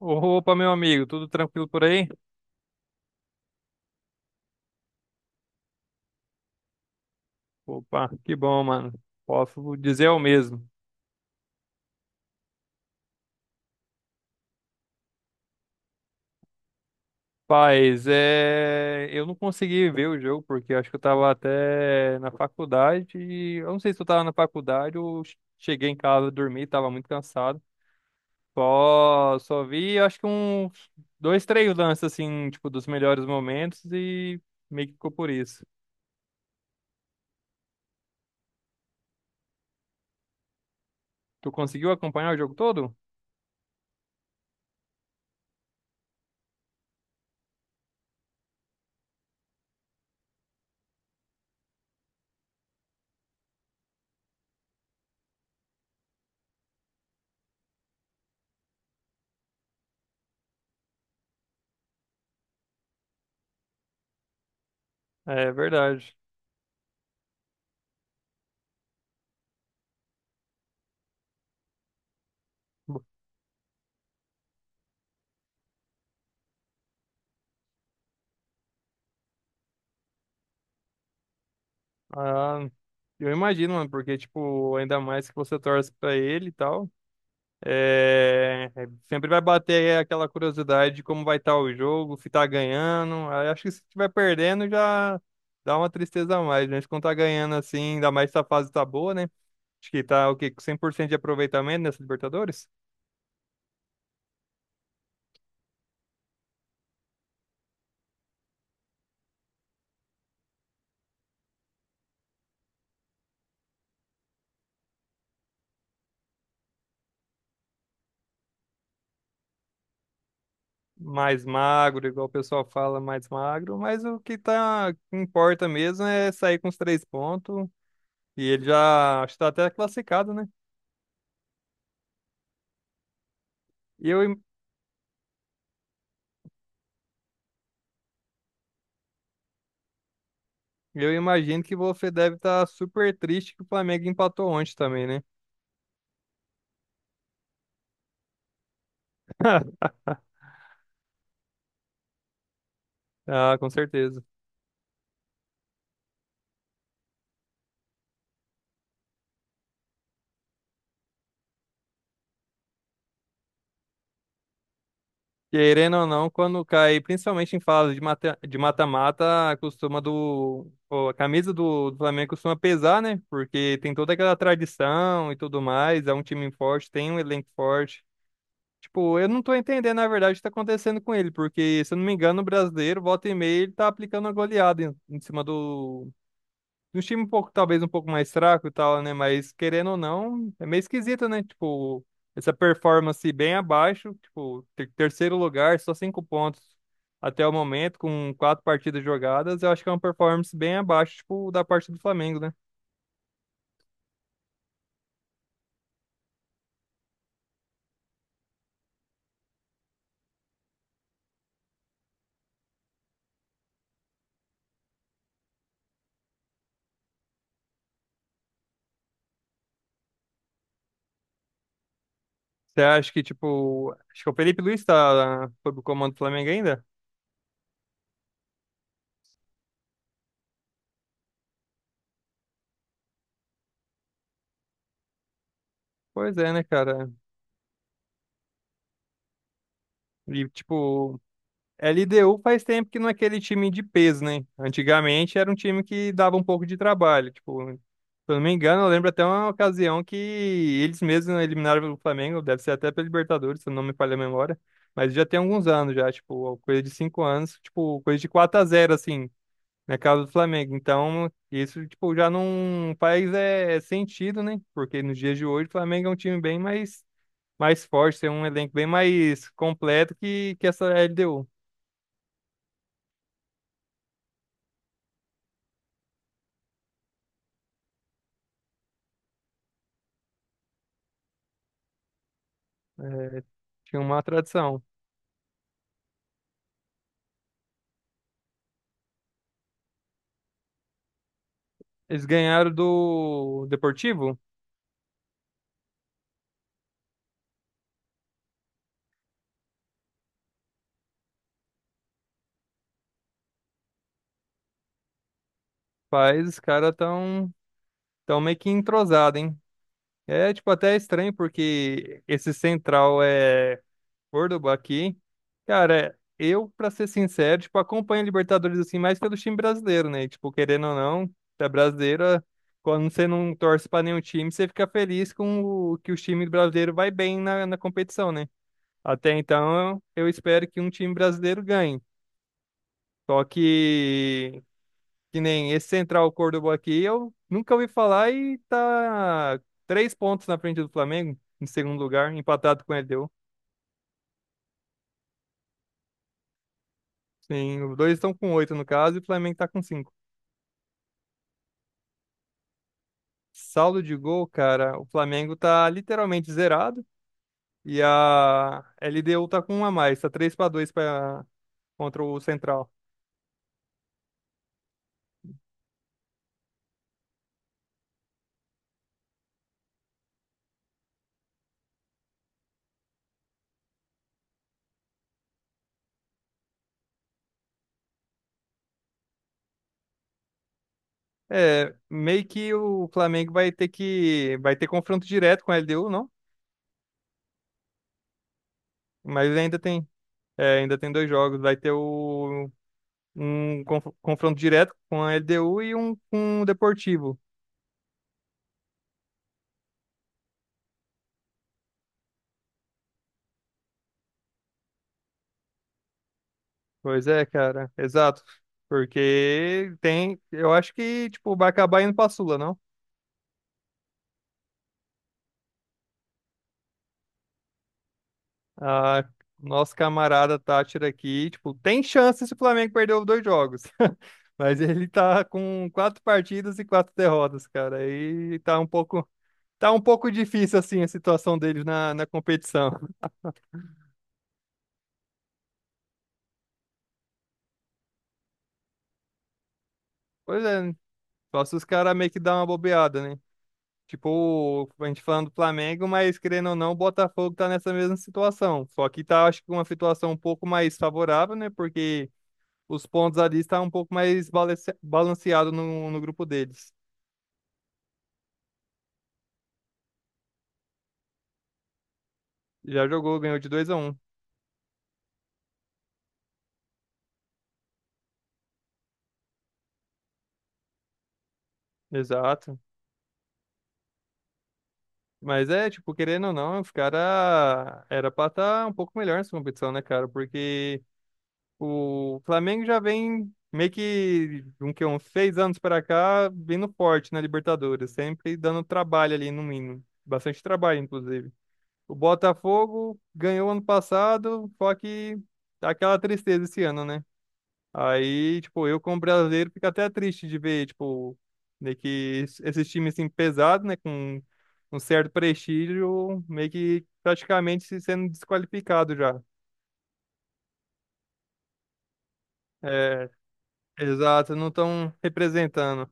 Opa, meu amigo, tudo tranquilo por aí? Opa, que bom, mano. Posso dizer o mesmo. Paz, eu não consegui ver o jogo porque eu acho que eu tava até na faculdade. E eu não sei se eu tava na faculdade ou cheguei em casa, dormi, tava muito cansado. Só vi, acho que uns dois, três lances, assim, tipo, dos melhores momentos e meio que ficou por isso. Tu conseguiu acompanhar o jogo todo? É verdade. Ah, eu imagino, mano, porque, tipo, ainda mais que você torce pra ele e tal, sempre vai bater aquela curiosidade de como vai estar o jogo, se tá ganhando. Aí acho que se tiver perdendo já dá uma tristeza a mais, né? Mas quando tá ganhando assim, ainda mais se a fase tá boa, né? Acho que tá, o quê? Com 100% de aproveitamento nessa Libertadores? Mais magro, igual o pessoal fala, mais magro. Mas o que tá, que importa mesmo é sair com os 3 pontos. E ele já está até classificado, né? E eu, Eu imagino que você deve estar super triste que o Flamengo empatou ontem também, né? Ah, com certeza. Querendo ou não, quando cai, principalmente em fase de de mata-mata, a camisa do Flamengo costuma pesar, né? Porque tem toda aquela tradição e tudo mais. É um time forte, tem um elenco forte. Tipo, eu não tô entendendo, na verdade, o que tá acontecendo com ele, porque, se eu não me engano, o brasileiro, volta e meia, ele tá aplicando uma goleada em cima do time um pouco, talvez um pouco mais fraco e tal, né? Mas querendo ou não, é meio esquisito, né? Tipo, essa performance bem abaixo, tipo, terceiro lugar, só 5 pontos até o momento, com quatro partidas jogadas, eu acho que é uma performance bem abaixo, tipo, da parte do Flamengo, né? Você acha que, tipo, acho que o Felipe Luiz tá, foi pro comando do Flamengo ainda? Pois é, né, cara? E, tipo, LDU faz tempo que não é aquele time de peso, né? Antigamente era um time que dava um pouco de trabalho. Tipo, se eu não me engano, eu lembro até uma ocasião que eles mesmos eliminaram o Flamengo, deve ser até pela Libertadores, se eu não me falha a memória. Mas já tem alguns anos já, tipo, coisa de 5 anos, tipo, coisa de 4-0, assim, na casa do Flamengo. Então, isso, tipo, já não faz é, sentido, né? Porque nos dias de hoje o Flamengo é um time bem mais, mais forte, tem um elenco bem mais completo que essa LDU. Tinha uma tradição. Eles ganharam do Deportivo? Mas os caras tão meio que entrosados, hein? É, tipo, até estranho porque esse central é Córdoba aqui. Cara, eu, pra ser sincero, tipo, acompanho a Libertadores assim mais pelo time brasileiro, né? Tipo, querendo ou não, da brasileira, quando você não torce pra nenhum time, você fica feliz com o que o time brasileiro vai bem na competição, né? Até então, eu espero que um time brasileiro ganhe. Só que nem esse Central Córdoba aqui, eu nunca ouvi falar e tá três pontos na frente do Flamengo, em segundo lugar, empatado com o LDU. Sim, os dois estão com 8 no caso e o Flamengo tá com 5. Saldo de gol, cara, o Flamengo tá literalmente zerado. E a LDU tá com um a mais, tá 3-2 para contra o Central. É, meio que o Flamengo vai ter confronto direto com a LDU, não? Mas ainda tem, é, ainda tem dois jogos, vai ter o um confronto direto com a LDU e um com o Deportivo. Pois é, cara, exato. Porque tem, eu acho que, tipo, vai acabar indo pra Sula, não? A nosso camarada Tátira aqui, tipo, tem chance se o Flamengo perder os dois jogos. Mas ele tá com quatro partidas e quatro derrotas, cara. E tá um pouco difícil, assim, a situação deles na competição. Pois é, só se os caras meio que dão uma bobeada, né? Tipo, a gente falando do Flamengo, mas querendo ou não, o Botafogo tá nessa mesma situação. Só que tá, acho que uma situação um pouco mais favorável, né? Porque os pontos ali estão um pouco mais balanceado no grupo deles. Já jogou, ganhou de 2-1. Exato. Mas é, tipo, querendo ou não, os caras era pra estar um pouco melhor nessa competição, né, cara? Porque o Flamengo já vem meio que uns 6 anos para cá, vindo forte na Libertadores, sempre dando trabalho ali no mínimo, bastante trabalho inclusive. O Botafogo ganhou ano passado, só que tá aquela tristeza esse ano, né? Aí, tipo, eu como brasileiro fico até triste de ver, tipo, meio que esses times assim pesados, né, com um certo prestígio, meio que praticamente se sendo desqualificado já. É, exato, não estão representando.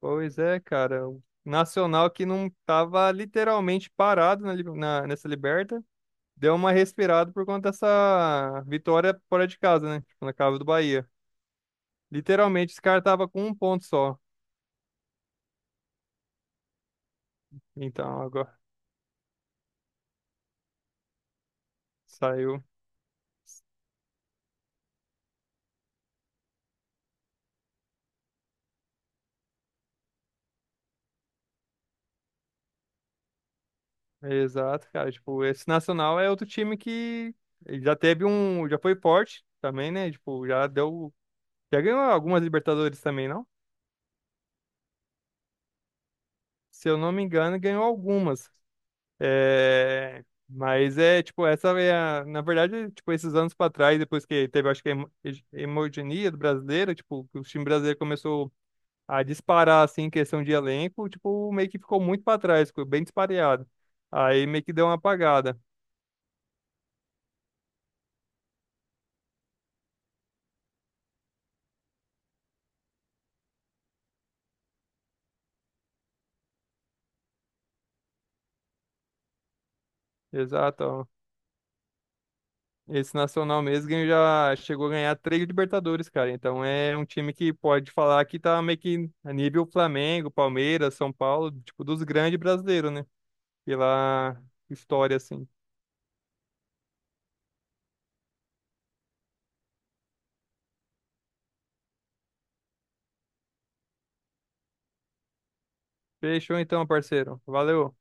Pois é, cara. O Nacional que não tava literalmente parado nessa Liberta, deu uma respirada por conta dessa vitória fora de casa, né? Tipo, na casa do Bahia. Literalmente, esse cara tava com um ponto só. Então, agora saiu. Exato, cara. Tipo, esse Nacional é outro time que ele já teve um. Já foi forte também, né? Tipo, já deu. Já ganhou algumas Libertadores também, não? Se eu não me engano, ganhou algumas. É, mas é, tipo, essa é a, na verdade, tipo, esses anos para trás, depois que teve, acho que a hegemonia do brasileiro, tipo, que o time brasileiro começou a disparar, assim, em questão de elenco, tipo, meio que ficou muito para trás, ficou bem dispareado. Aí meio que deu uma apagada. Exato, ó. Esse Nacional mesmo já chegou a ganhar 3 Libertadores, cara. Então é um time que pode falar que tá meio que a nível Flamengo, Palmeiras, São Paulo, tipo, dos grandes brasileiros, né? Pela história, assim. Fechou então, parceiro. Valeu.